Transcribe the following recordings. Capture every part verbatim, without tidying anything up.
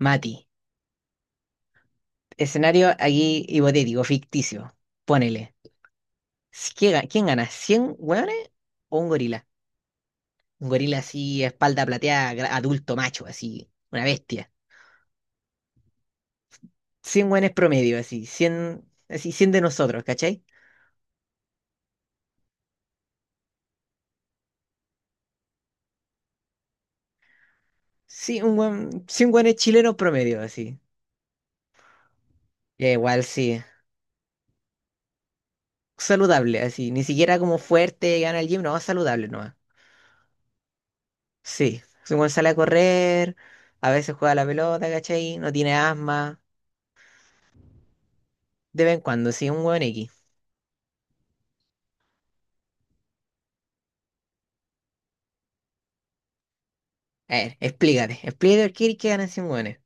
Mati, escenario aquí hipotético, ficticio. Ponele. Si- ¿Qué, ga- quién gana? ¿Cien hueones o un gorila? Un gorila así, espalda plateada, gra- adulto macho, así, una bestia. Cien hueones promedio, así, cien, así, cien de nosotros, ¿cachai? Sí, un hueón, cien hueones chilenos promedio, así. Ya igual, sí. Saludable, así. Ni siquiera como fuerte, gana el gym, no, saludable nomás. Sí. si Un hueón sale a correr, a veces juega a la pelota, ¿cachai? No tiene asma. De vez en cuando, sí, un hueón X. A ver, explícate, explícate por qué querés que ganen cien hueones.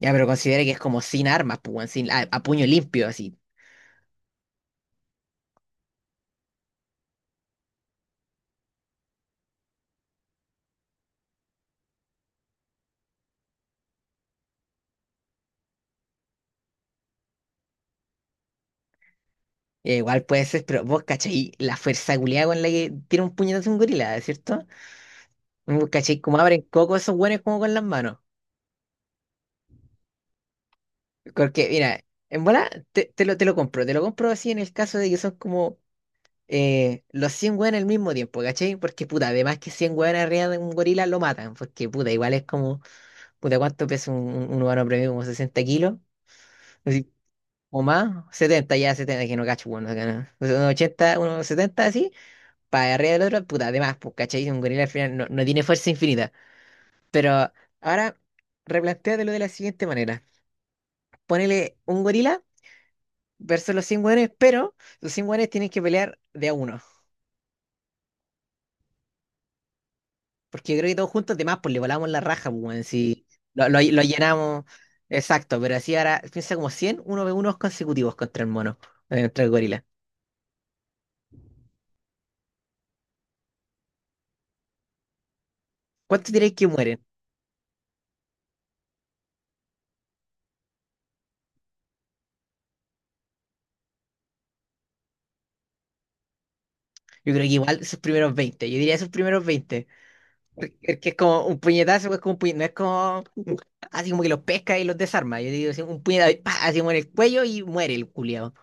Ya, pero considera que es como sin armas, pues, weón, sin, a, a puño limpio, así. Ya, igual puede ser, pero vos cachai la fuerza culiada con la que tira un puñetazo un gorila, ¿cierto? Vos cachai cómo abren coco esos hueones como con las manos. Porque, mira, en bola te, te lo, te lo compro, te lo compro así en el caso de que son como eh, los cien hueones al mismo tiempo, ¿cachai? Porque, puta, además que cien hueones arriba de un gorila lo matan, porque, puta, igual es como, puta, ¿cuánto pesa un, un humano promedio? Como sesenta kilos. O más, setenta, ya setenta que no cacho, bueno, acá no. O sea, unos ochenta, unos setenta así, para arriba del otro, puta, además, pues, ¿cachai? Si Un gorila al final no, no tiene fuerza infinita. Pero ahora, replantéatelo de la siguiente manera. Ponele un gorila versus los cien hueones, pero los cien hueones tienen que pelear de a uno. Porque yo creo que todos juntos, además, pues le volamos la raja, pues, weón, si lo, lo- lo llenamos. Exacto, pero así ahora, piensa como cien uno ve unos consecutivos contra el mono, eh, contra el gorila. ¿Cuánto diréis que mueren? Yo creo que igual esos primeros veinte, yo diría esos primeros veinte. Es que es como un puñetazo, es como un puñe- no es como así como que los pesca y los desarma. Yo digo así, un puñetazo, y ¡pa! Así como en el cuello y muere el culiao.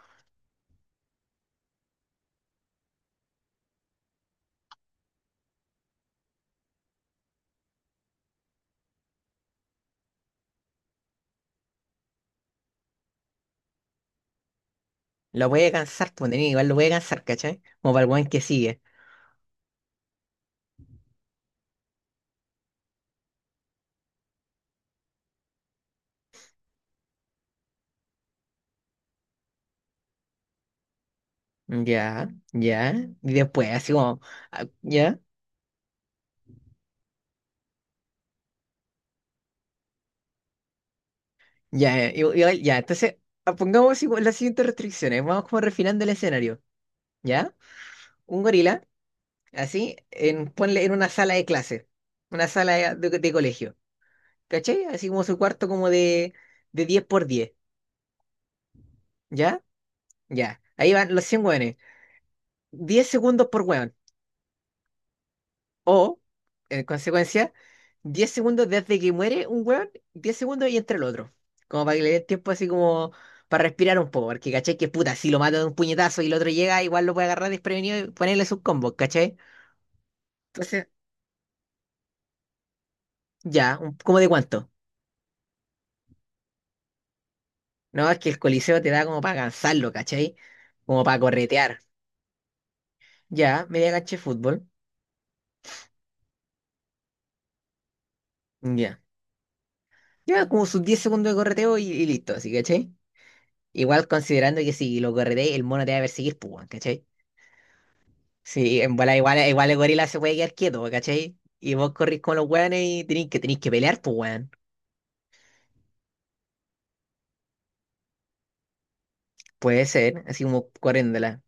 Lo puede cansar, pues, nene, igual lo puede cansar, ¿cachai? Como para el weón que sigue. Ya, ya. Y después, así como, ah, ya, ya, y- y- ya. Entonces, ah, pongamos así como las siguientes restricciones. Vamos como refinando el escenario, ¿ya? Un gorila, así, en, ponle en una sala de clase, una sala de de- de colegio. ¿Cachai? Así como su cuarto como de, de diez por diez. ¿Ya? Ya. Ahí van los cien hueones. Diez segundos por hueón. O, en consecuencia, diez segundos desde que muere un hueón, diez segundos y entre el otro. Como para que le dé tiempo así como para respirar un poco. Porque, ¿cachai? Que puta, si lo mata de un puñetazo y el otro llega, igual lo puede agarrar desprevenido y ponerle sus combos, ¿cachai? Entonces, ya, un- ¿cómo de cuánto? No, es que el coliseo te da como para cansarlo, ¿cachai? Como para corretear. Ya, media cancha de fútbol. Ya. Lleva como sus diez segundos de correteo y, y listo, ¿sí, cachai? Igual considerando que si lo correteas, el mono te va a perseguir, pues, weón, ¿cachai? Sí, en bola, igual, igual el gorila se puede quedar quieto, pues, ¿cachai? Y vos corrís con los weones y tenéis que, tenéis que pelear, pues, weón. Puede ser, así como corriéndola.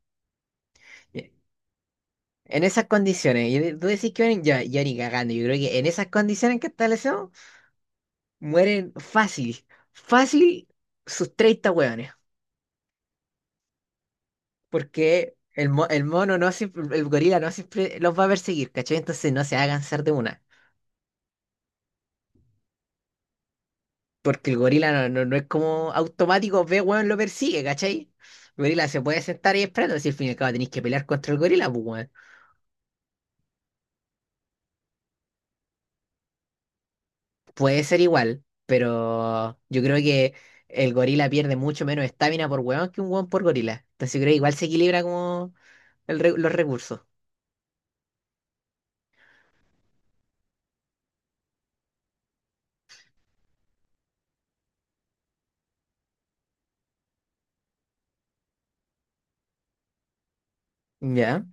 En esas condiciones, y tú decís que mueren, yo, yo ni cagando, yo creo que en esas condiciones que establecemos, mueren fácil, fácil sus treinta weones. Porque el, mo- el mono no siempre, el gorila no siempre los va a perseguir, ¿cachai? Entonces no se va a cansar de una. Porque el gorila no, no, no es como automático, ve, weón, lo persigue, ¿cachai? El gorila se puede sentar y esperando, si al fin y al cabo tenéis que pelear contra el gorila, pues, weón. Puede ser igual, pero yo creo que el gorila pierde mucho menos estamina por weón que un weón por gorila. Entonces yo creo que igual se equilibra como el re- los recursos. Ya.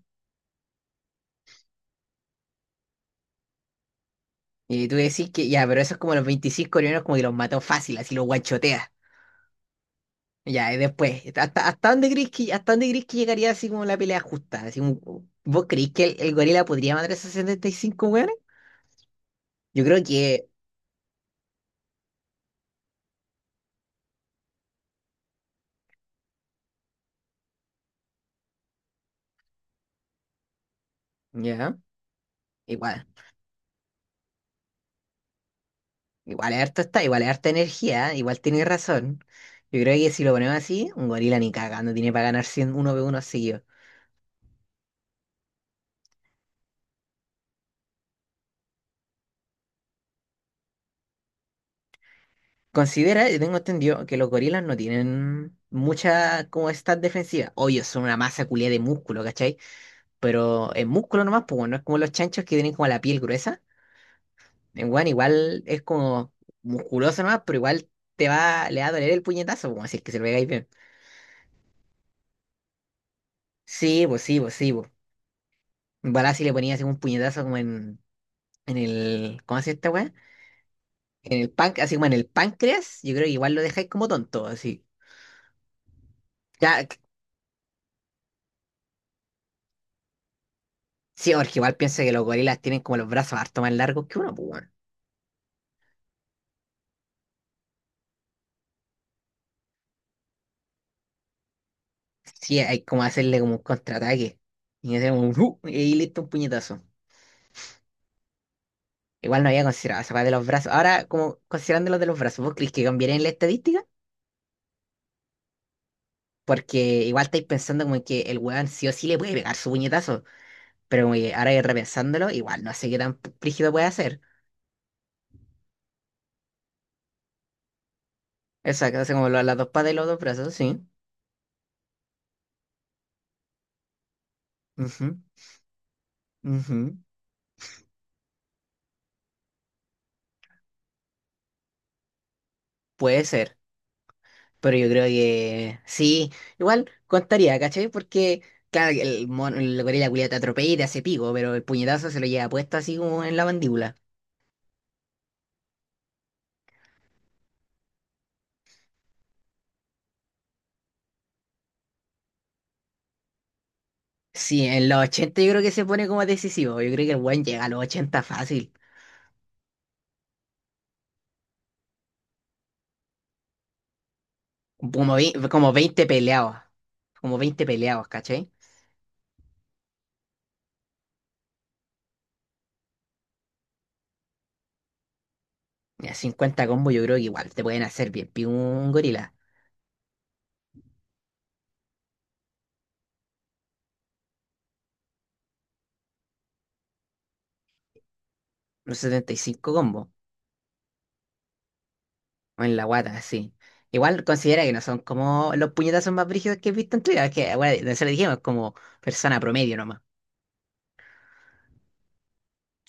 Y tú decís que ya, pero esos como los veinticinco coreanos como que los mató fácil, así los guanchotea. Ya, y después, ¿hasta, hasta dónde crees que, hasta dónde crees que llegaría así como la pelea justa? Así como, ¿vos creís que el, el gorila podría matar a esos setenta y cinco weones? Yo creo que, ya, igual, igual es harto está, igual es harta energía, igual tiene razón. Yo creo que si lo ponemos así, un gorila ni cagando tiene para ganar cien, uno v uno seguido. Considera, yo tengo entendido que los gorilas no tienen mucha como stat defensiva. Obvio, son una masa culia de músculo, ¿cachai? Pero en músculo nomás, pues bueno, no es como los chanchos que tienen como la piel gruesa. En weón igual es como musculoso nomás, pero igual te va, le va a doler el puñetazo, como así es que se lo pegáis bien. Sí, pues sí, pues sí, pues. Igual si le ponías así un puñetazo como en, en el, ¿cómo se hace esta weá? En el pan, así como en el páncreas, yo creo que igual lo dejáis como tonto, así. Ya, c- sí, porque igual piensa que los gorilas tienen como los brazos harto más largos que uno, pues weón. Sí, hay como hacerle como un contraataque. Y hacemos un ¡uh! Y listo un puñetazo. Igual no había considerado esa weá de los brazos. Ahora, como considerando los de los brazos, ¿vos crees que cambiaría en la estadística? Porque igual estáis pensando como que el weón sí o sí le puede pegar su puñetazo. Pero como que ahora repensándolo, igual no sé qué tan rígido puede hacer. Exacto, hace como lo- las dos patas y los dos brazos, sí. Ujú, ujú. Puede ser. Pero yo creo que sí. Igual contaría, ¿cachai? Porque, claro, que el, mono, el gorila culiao te atropella y te hace pico, pero el puñetazo se lo lleva puesto así como en la mandíbula. Sí, en los ochenta yo creo que se pone como decisivo. Yo creo que el weón llega a los ochenta fácil. Como, vei- como veinte peleados. Como veinte peleados, ¿cachai? Ya cincuenta combos yo creo que igual te pueden hacer bien. pi- Un gorila. Unos setenta y cinco combos. O en la guata, sí. Igual considera que no son como los puñetazos más brígidos que he visto en Twitter. Es que, bueno, nosotros dijimos como persona promedio nomás.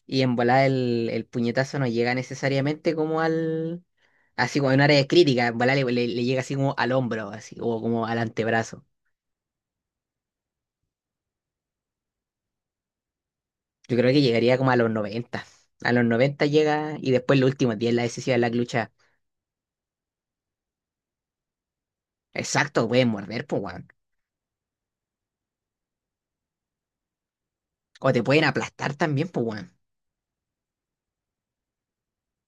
Y en volada el, el puñetazo no llega necesariamente como al... Así como en un área crítica. En volada le, le- le llega así como al hombro, así, o como al antebrazo. Yo creo que llegaría como a los noventa. A los noventa llega y después los últimos diez la decisión de la lucha. Exacto, pueden morder, pues, weón. O te pueden aplastar también, pues, weón.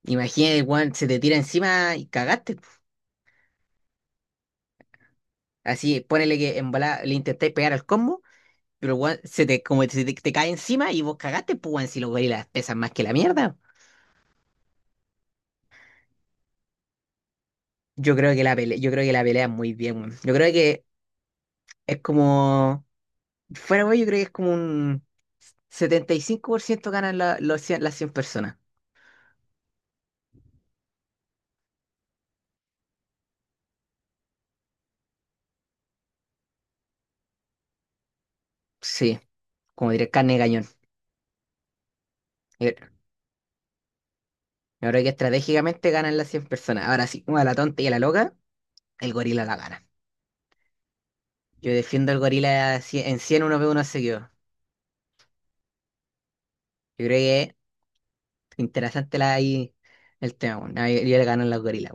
Imagínate, weón, se te tira encima y cagaste. Po. Así, ponele que en bola le intentáis pegar al combo, pero weón, se te, como se te, te cae encima y vos cagaste, pues, weón, si los gorilas pesan más que la mierda. Yo creo que la pelea, yo creo que la pelea es muy bien, weón. Yo creo que es como. Fuera, weón, yo creo que es como un setenta y cinco por ciento ganan la- los cien- las cien personas. Sí. Como diré, carne de cañón. Eh, Yo que estratégicamente ganan las cien personas. Ahora sí, como a la tonta y a la loca, el gorila la gana. Yo defiendo al gorila así- en cien uno ve uno seguido. Yo creo que es interesante la, ahí el tema, bueno. Yo, yo le gano a los gorilas,